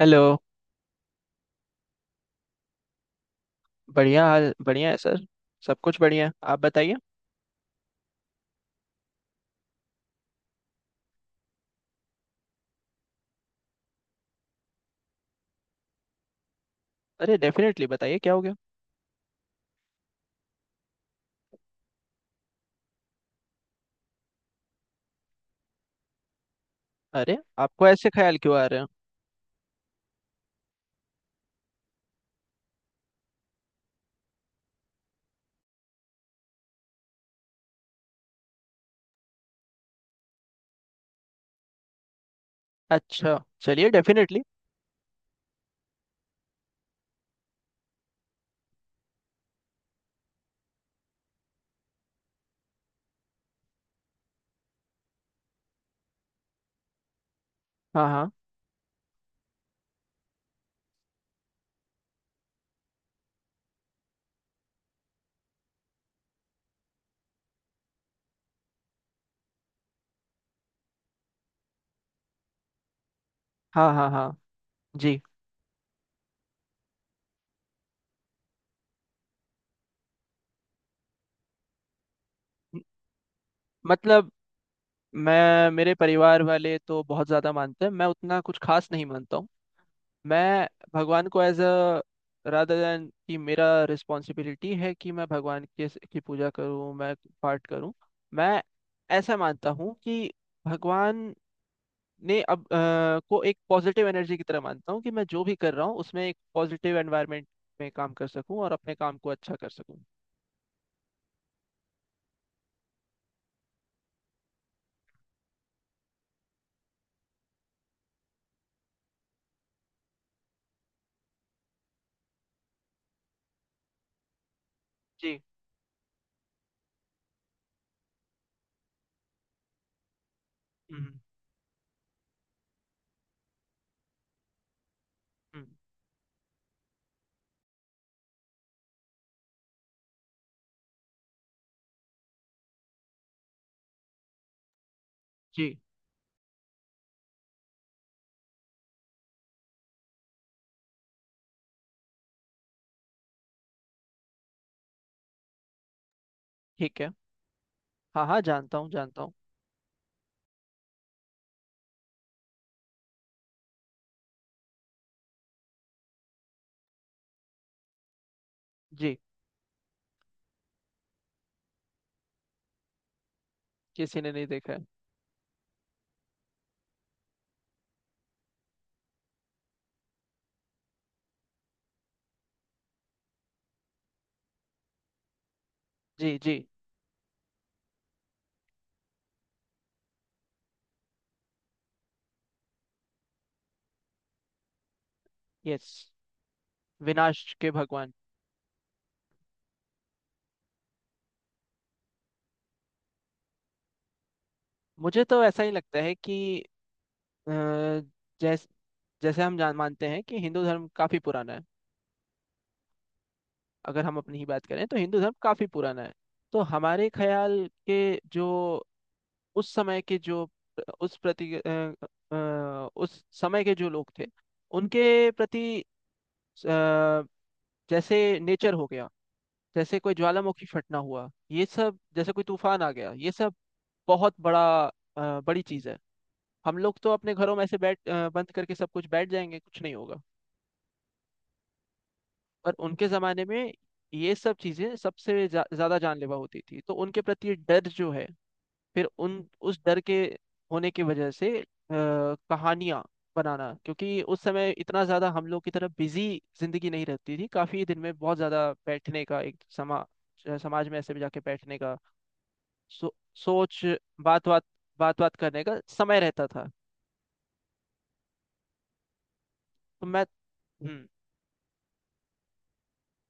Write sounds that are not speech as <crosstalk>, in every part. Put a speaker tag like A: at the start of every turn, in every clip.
A: Hello. बढ़िया हाल बढ़िया है सर। सब कुछ बढ़िया है, आप बताइए। अरे डेफिनेटली बताइए क्या हो गया। अरे आपको ऐसे ख्याल क्यों आ रहे हैं। अच्छा, चलिए डेफिनेटली। हाँ हाँ हाँ। हाँ हाँ। जी। म- मतलब, मैं मेरे परिवार वाले तो बहुत ज़्यादा मानते हैं, मैं उतना कुछ खास नहीं मानता हूँ। मैं भगवान को एज अ रादर देन कि मेरा रिस्पॉन्सिबिलिटी है कि मैं भगवान के की पूजा करूँ, मैं पाठ करूँ। मैं ऐसा मानता हूँ कि भगवान ने अब को एक पॉजिटिव एनर्जी की तरह मानता हूँ, कि मैं जो भी कर रहा हूँ उसमें एक पॉजिटिव एनवायरनमेंट में काम कर सकूँ और अपने काम को अच्छा कर सकूँ। जी। हम्म। हम्म। जी। ठीक है। हाँ हाँ, जानता हूँ जानता हूँ। जी। किसी ने नहीं देखा है। जी जी। यस। विनाश के भगवान। मुझे तो ऐसा ही लगता है कि जैसे, जैसे हम जान मानते हैं कि हिंदू धर्म काफी पुराना है। अगर हम अपनी ही बात करें तो हिंदू धर्म काफी पुराना है। तो हमारे ख्याल के जो उस समय के जो उस प्रति उस समय के जो लोग थे उनके प्रति अ, जैसे नेचर हो गया, जैसे कोई ज्वालामुखी फटना हुआ ये सब, जैसे कोई तूफान आ गया ये सब बहुत बड़ा बड़ी चीज है। हम लोग तो अपने घरों में ऐसे बंद करके सब कुछ बैठ जाएंगे, कुछ नहीं होगा। पर उनके जमाने में ये सब चीजें सबसे ज्यादा जानलेवा होती थी, तो उनके प्रति डर जो है फिर उन उस डर के होने की वजह से कहानियाँ बनाना, क्योंकि उस समय इतना ज़्यादा हम लोग की तरह बिजी जिंदगी नहीं रहती थी, काफ़ी दिन में बहुत ज़्यादा बैठने का एक समाज में ऐसे भी जाके बैठने का सोच बात बात बात बात करने का समय रहता था, तो मैं। हम्म।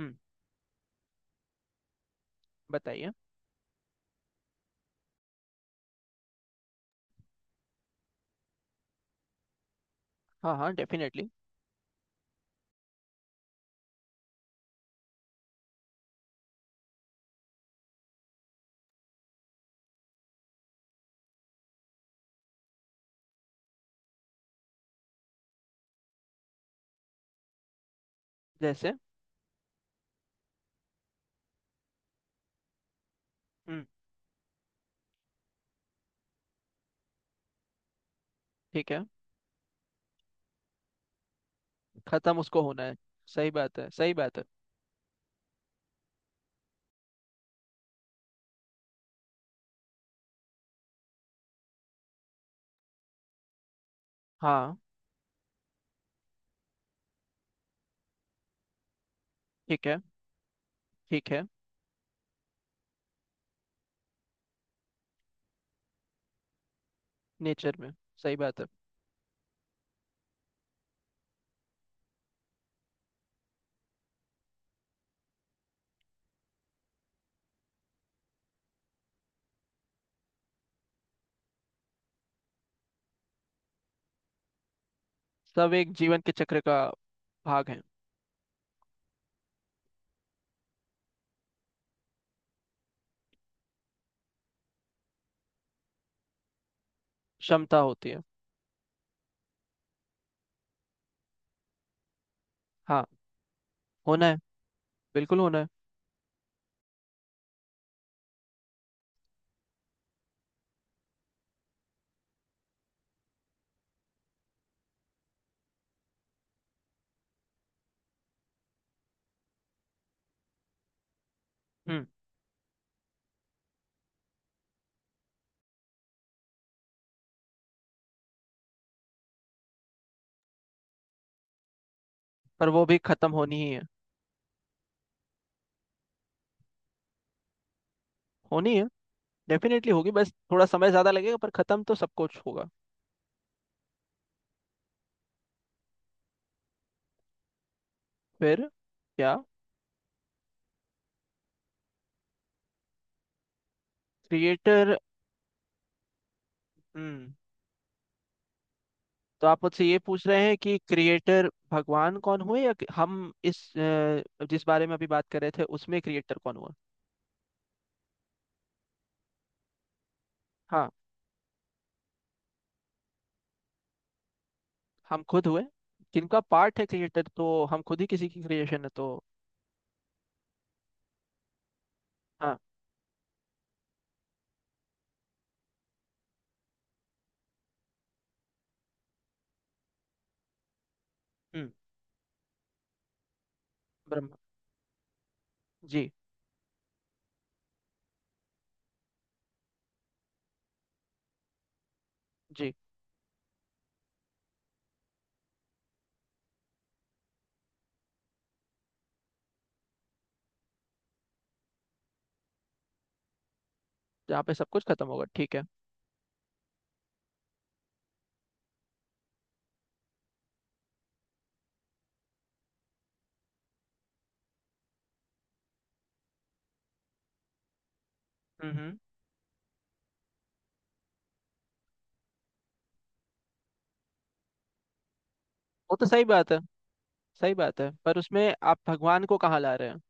A: हम्म। बताइए। हाँ हाँ डेफिनेटली। जैसे। हम्म। ठीक है। खत्म उसको होना है। सही बात है सही बात है। हाँ। ठीक है ठीक है। नेचर में। सही बात है। सब एक जीवन के चक्र का भाग है। क्षमता होती है। हाँ होना है, बिल्कुल होना है। हम्म। पर वो भी खत्म होनी ही है। होनी है, डेफिनेटली होगी, बस थोड़ा समय ज्यादा लगेगा पर खत्म तो सब कुछ होगा। फिर क्या। क्रिएटर। हम्म। तो आप मुझसे ये पूछ रहे हैं कि क्रिएटर भगवान कौन हुए, या कि हम इस जिस बारे में अभी बात कर रहे थे उसमें क्रिएटर कौन हुआ। हाँ, हम खुद हुए। जिनका पार्ट है क्रिएटर, तो हम खुद ही किसी की क्रिएशन है तो। हाँ। हम्म। ब्रह्मा जी। जी। जहाँ पे सब कुछ खत्म होगा, ठीक है। हम्म। वो तो सही बात है, सही बात है पर उसमें आप भगवान को कहाँ ला रहे हैं।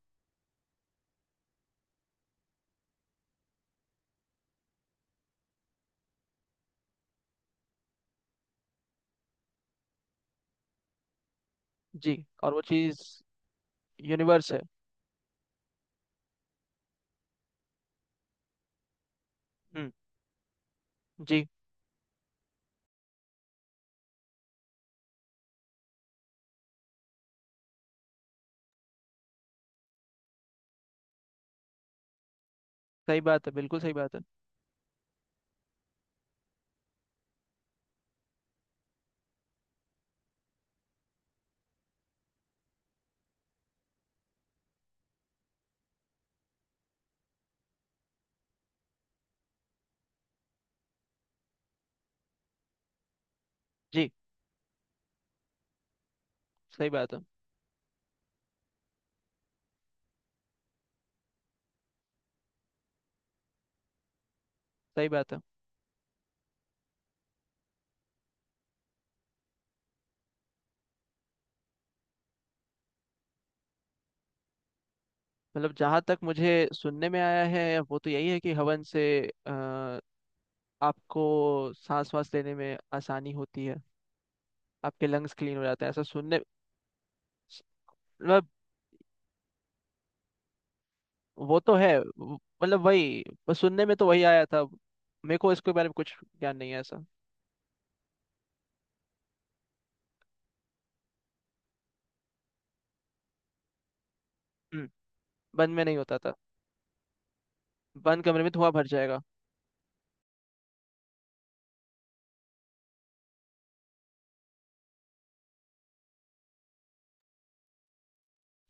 A: जी। और वो चीज यूनिवर्स है। हम्म। जी। सही बात है, बिल्कुल सही बात है। जी। सही बात है। सही बात है। मतलब जहाँ तक मुझे सुनने में आया है वो तो यही है कि हवन से अ, आपको सांस वास लेने में आसानी होती है, आपके लंग्स क्लीन हो जाते हैं, ऐसा सुनने। मतलब वो तो है वो- मतलब वही, बस सुनने में तो वही आया था। मेरे को इसके बारे में कुछ ज्ञान नहीं है ऐसा। बंद में नहीं होता था, बंद कमरे में धुआं भर जाएगा।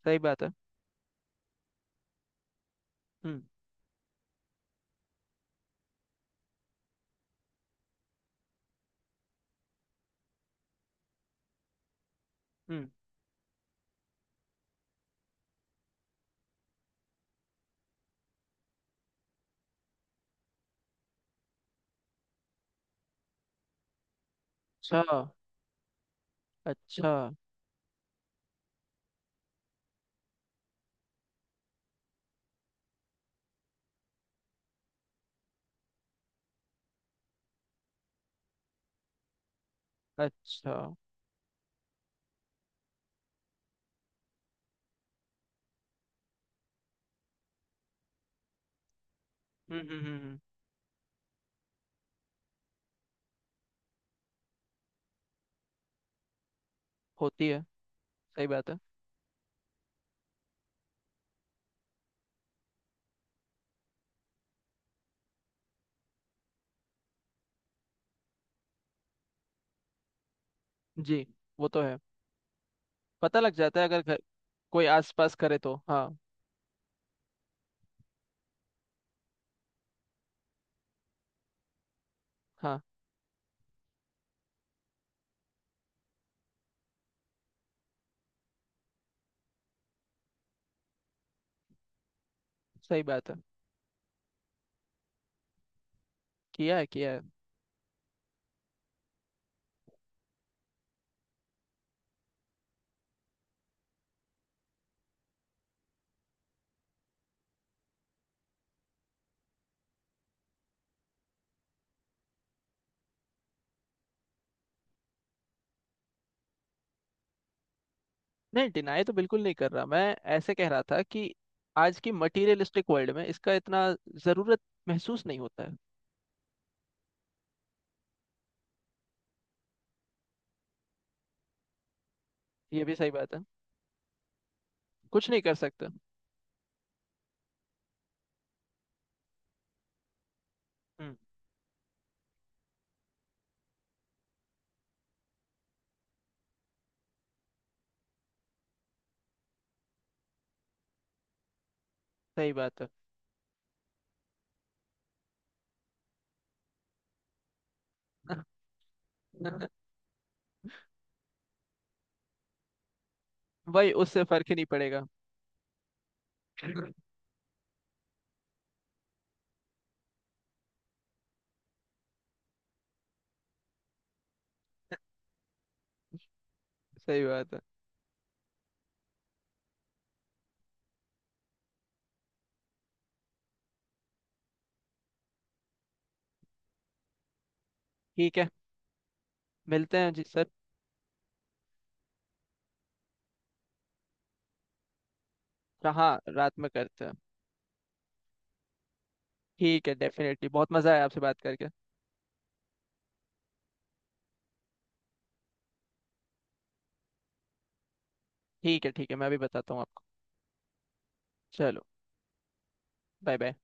A: सही बात है। हम्म हम्म। अच्छा अच्छा। अच्छा। हम्म। होती है। सही बात है। जी। वो तो है, पता लग जाता है अगर घर कोई आसपास करे तो हाँ। हाँ। सही बात है। किया है किया है। नहीं, डिनाई तो बिल्कुल नहीं कर रहा मैं। ऐसे कह रहा था कि आज की मटेरियलिस्टिक वर्ल्ड में इसका इतना जरूरत महसूस नहीं होता है। ये भी सही बात है। कुछ नहीं कर सकते। हम्म। सही बात है। <laughs> वही, उससे फर्क ही नहीं पड़ेगा। सही बात है। ठीक है। मिलते हैं जी सर। हाँ रात में करते हैं। ठीक है, डेफिनेटली बहुत मज़ा आया आपसे बात करके। ठीक है ठीक है, मैं भी बताता हूँ आपको। चलो। Bye bye.